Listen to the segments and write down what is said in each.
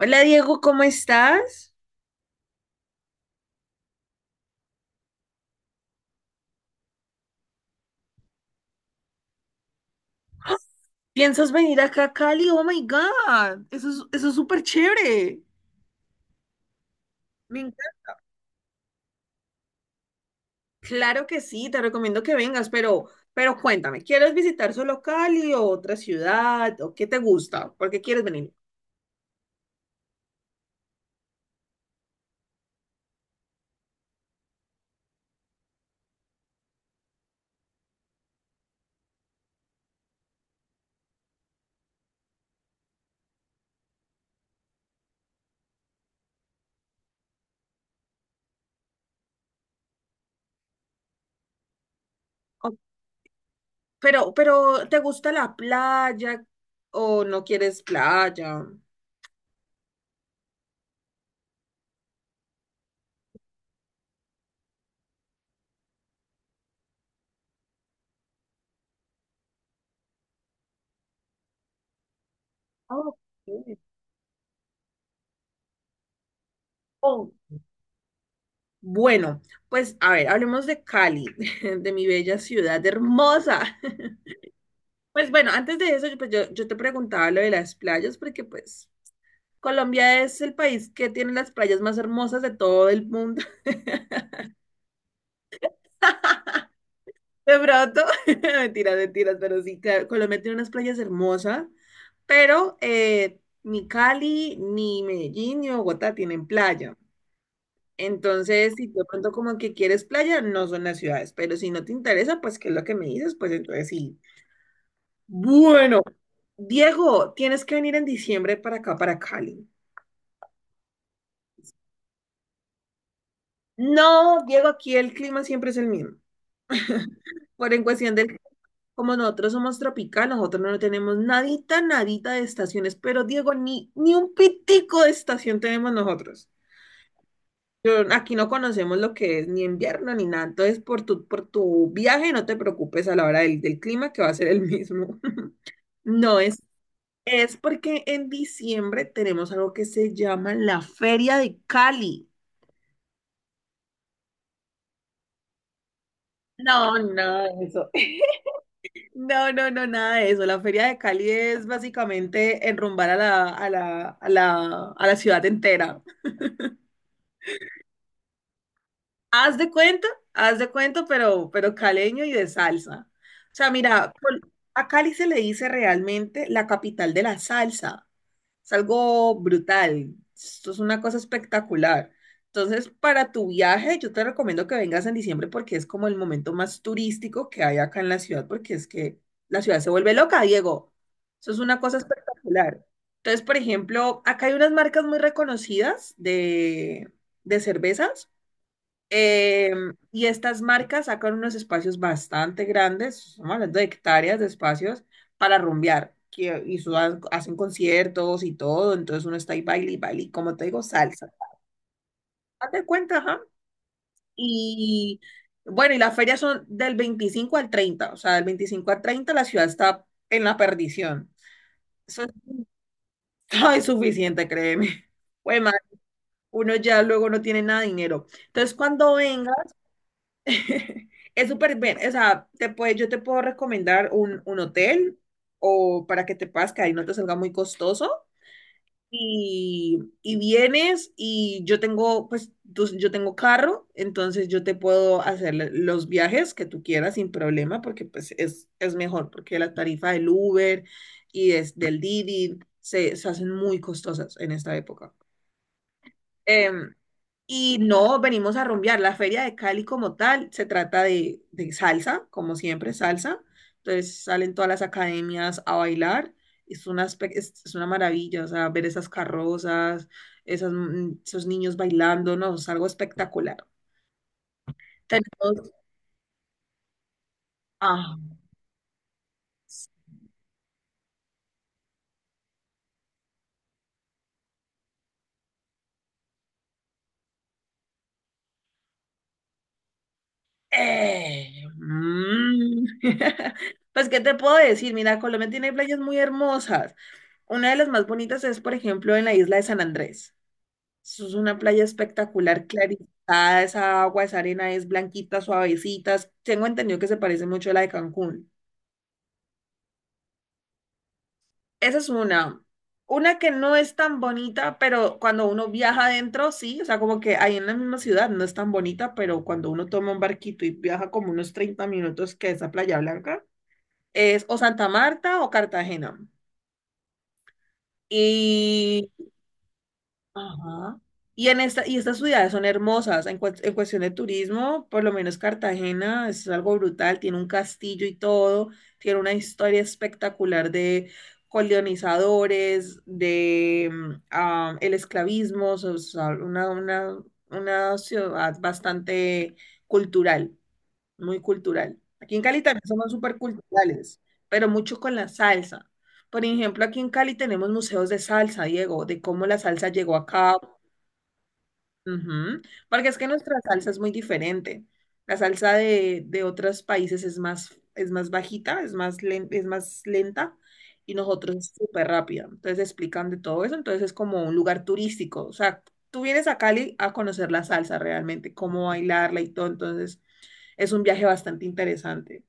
Hola Diego, ¿cómo estás? ¿Piensas venir acá a Cali? Oh my God, eso es súper chévere. Me encanta. Claro que sí, te recomiendo que vengas, pero cuéntame, ¿quieres visitar solo Cali o otra ciudad? ¿O qué te gusta? ¿Por qué quieres venir? O- pero, ¿te gusta la playa o no quieres playa? Oh, ok. Oh, bueno, pues a ver, hablemos de Cali, de mi bella ciudad hermosa. Pues bueno, antes de eso, yo te preguntaba lo de las playas, porque pues Colombia es el país que tiene las playas más hermosas de todo el mundo. De pronto, mentiras, mentiras, pero sí, claro, Colombia tiene unas playas hermosas, pero ni Cali, ni Medellín, ni Bogotá tienen playa. Entonces, si tú de pronto como que quieres playa, no son las ciudades, pero si no te interesa, pues qué es lo que me dices, pues entonces sí. Bueno, Diego, tienes que venir en diciembre para acá, para Cali. No, Diego, aquí el clima siempre es el mismo. Por en cuestión como nosotros somos tropical, nosotros no tenemos nadita, nadita de estaciones, pero Diego, ni un pitico de estación tenemos nosotros. Aquí no conocemos lo que es ni invierno ni nada, entonces por tu viaje no te preocupes a la hora del clima que va a ser el mismo. No es. Es porque en diciembre tenemos algo que se llama la Feria de Cali. No, nada de eso. No, no, no, nada de eso. La Feria de Cali es básicamente enrumbar a la ciudad entera. Haz de cuenta, pero caleño y de salsa. O sea, mira, a Cali se le dice realmente la capital de la salsa. Es algo brutal. Esto es una cosa espectacular. Entonces, para tu viaje, yo te recomiendo que vengas en diciembre porque es como el momento más turístico que hay acá en la ciudad, porque es que la ciudad se vuelve loca, Diego. Eso es una cosa espectacular. Entonces, por ejemplo, acá hay unas marcas muy reconocidas de cervezas. Eh, y estas marcas sacan unos espacios bastante grandes, estamos hablando de hectáreas de espacios para rumbear, hacen conciertos y todo, entonces uno está ahí baile y baile, y como te digo, salsa. Hazte cuenta, ajá. Y bueno, y las ferias son del 25 al 30. O sea, del 25 al 30 la ciudad está en la perdición. Eso está insuficiente, créeme. Bueno, uno ya luego no tiene nada de dinero. Entonces, cuando venga es súper bien, o sea, te puede, yo te puedo recomendar un hotel o para que te puedas quedar y no te salga muy costoso. Y vienes y yo tengo, yo tengo carro, entonces yo te puedo hacer los viajes que tú quieras sin problema porque pues es mejor, porque la tarifa del Uber y del Didi se hacen muy costosas en esta época. Em, y no venimos a rumbear. La feria de Cali como tal se trata de salsa, como siempre, salsa. Entonces salen todas las academias a bailar. Es es una maravilla, o sea, ver esas carrozas, esas, esos niños bailando, no, es algo espectacular. Tenemos, ah, eh, mm. Pues, ¿qué te puedo decir? Mira, Colombia tiene playas muy hermosas. Una de las más bonitas es, por ejemplo, en la isla de San Andrés. Eso es una playa espectacular, clarificada, esa agua, esa arena es blanquita, suavecita. Tengo entendido que se parece mucho a la de Cancún. Esa es una. Una que no es tan bonita, pero cuando uno viaja adentro, sí, o sea, como que ahí en la misma ciudad no es tan bonita, pero cuando uno toma un barquito y viaja como unos 30 minutos, que es a Playa Blanca, es o Santa Marta o Cartagena. Y ajá. Y estas ciudades son hermosas. En, en cuestión de turismo, por lo menos Cartagena es algo brutal. Tiene un castillo y todo. Tiene una historia espectacular de colonizadores, de el esclavismo. O sea, una ciudad bastante cultural, muy cultural. Aquí en Cali también somos súper culturales, pero mucho con la salsa. Por ejemplo, aquí en Cali tenemos museos de salsa, Diego, de cómo la salsa llegó acá. Ujú. Porque es que nuestra salsa es muy diferente. La salsa de otros países es más bajita, es más es más lenta y nosotros es súper rápida. Entonces explican de todo eso. Entonces es como un lugar turístico. O sea, tú vienes a Cali a conocer la salsa realmente, cómo bailarla y todo. Entonces es un viaje bastante interesante.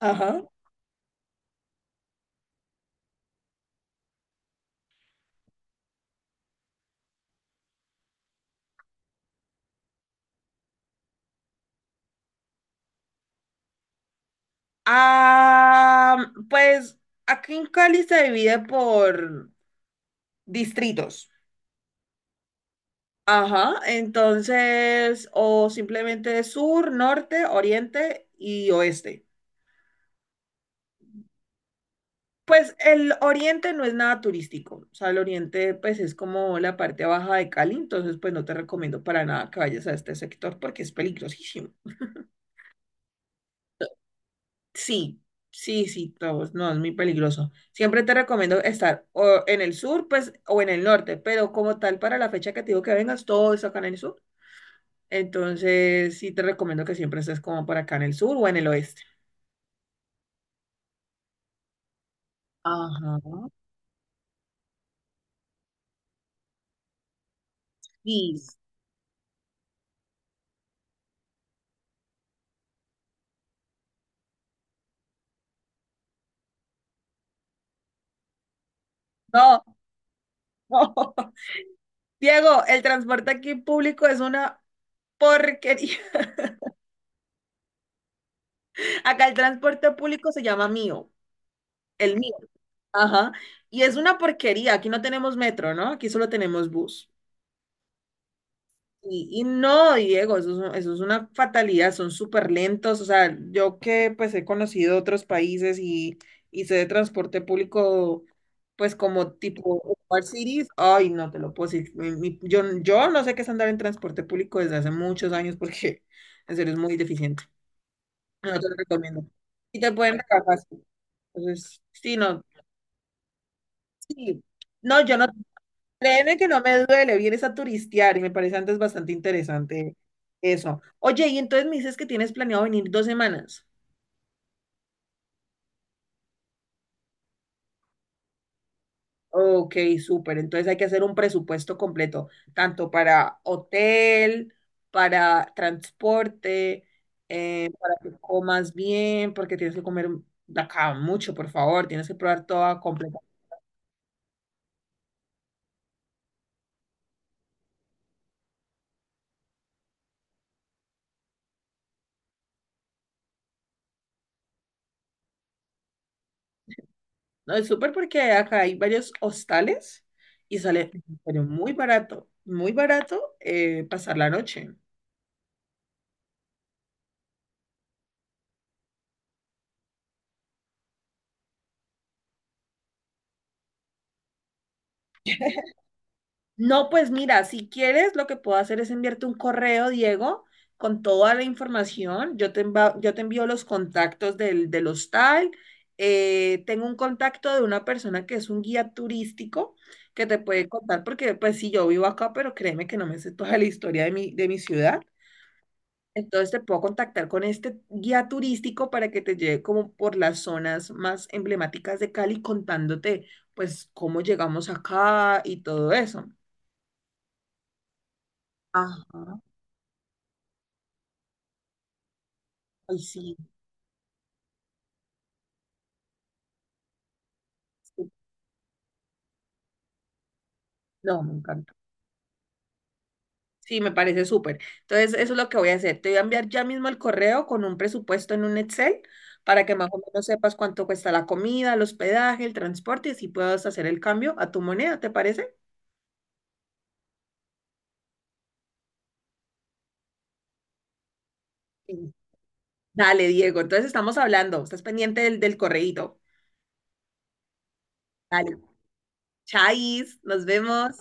Ajá. Ah, pues aquí en Cali se divide por distritos. Ajá, entonces, o simplemente sur, norte, oriente y oeste. Pues el oriente no es nada turístico, o sea, el oriente pues es como la parte baja de Cali, entonces pues no te recomiendo para nada que vayas a este sector porque es peligrosísimo. Sí, sí, sí, todos, no, es muy peligroso. Siempre te recomiendo estar o en el sur, pues, o en el norte, pero como tal, para la fecha que te digo que vengas, todo es acá en el sur. Entonces, sí te recomiendo que siempre estés como por acá en el sur o en el oeste. Ajá. Sí. No, no. Diego, el transporte aquí público es una porquería. Acá el transporte público se llama mío, el mío. Ajá. Y es una porquería. Aquí no tenemos metro, ¿no? Aquí solo tenemos bus. Y no, Diego, eso es una fatalidad, son súper lentos. O sea, yo que pues he conocido otros países y sé de transporte público, pues como tipo Smart Cities, ay, no te lo puedo decir. Yo no sé qué es andar en transporte público desde hace muchos años porque en serio es muy deficiente. No te lo recomiendo. Y te pueden regalar fácil. Entonces, sí, no, sí. No, yo no. Créeme que no me duele, vienes a turistear y me parece antes bastante interesante eso. Oye, y entonces me dices que tienes planeado venir 2 semanas. Ok, súper. Entonces hay que hacer un presupuesto completo, tanto para hotel, para transporte, para que comas bien, porque tienes que comer de acá mucho, por favor, tienes que probar toda completa. No, es súper porque acá hay varios hostales y sale pero muy barato, muy barato, pasar la noche. No, pues mira, si quieres, lo que puedo hacer es enviarte un correo, Diego, con toda la información. Yo te envío los contactos del hostal. Tengo un contacto de una persona que es un guía turístico que te puede contar, porque pues sí, yo vivo acá, pero créeme que no me sé toda la historia de mi ciudad. Entonces te puedo contactar con este guía turístico para que te lleve como por las zonas más emblemáticas de Cali contándote pues cómo llegamos acá y todo eso. Ajá. Ay, sí, sí. No, me encanta. Sí, me parece súper. Entonces, eso es lo que voy a hacer. Te voy a enviar ya mismo el correo con un presupuesto en un Excel para que más o menos sepas cuánto cuesta la comida, el hospedaje, el transporte y así puedas hacer el cambio a tu moneda, ¿te parece? Sí. Dale, Diego. Entonces, estamos hablando. Estás pendiente del correíto. Dale. Chais, nos vemos.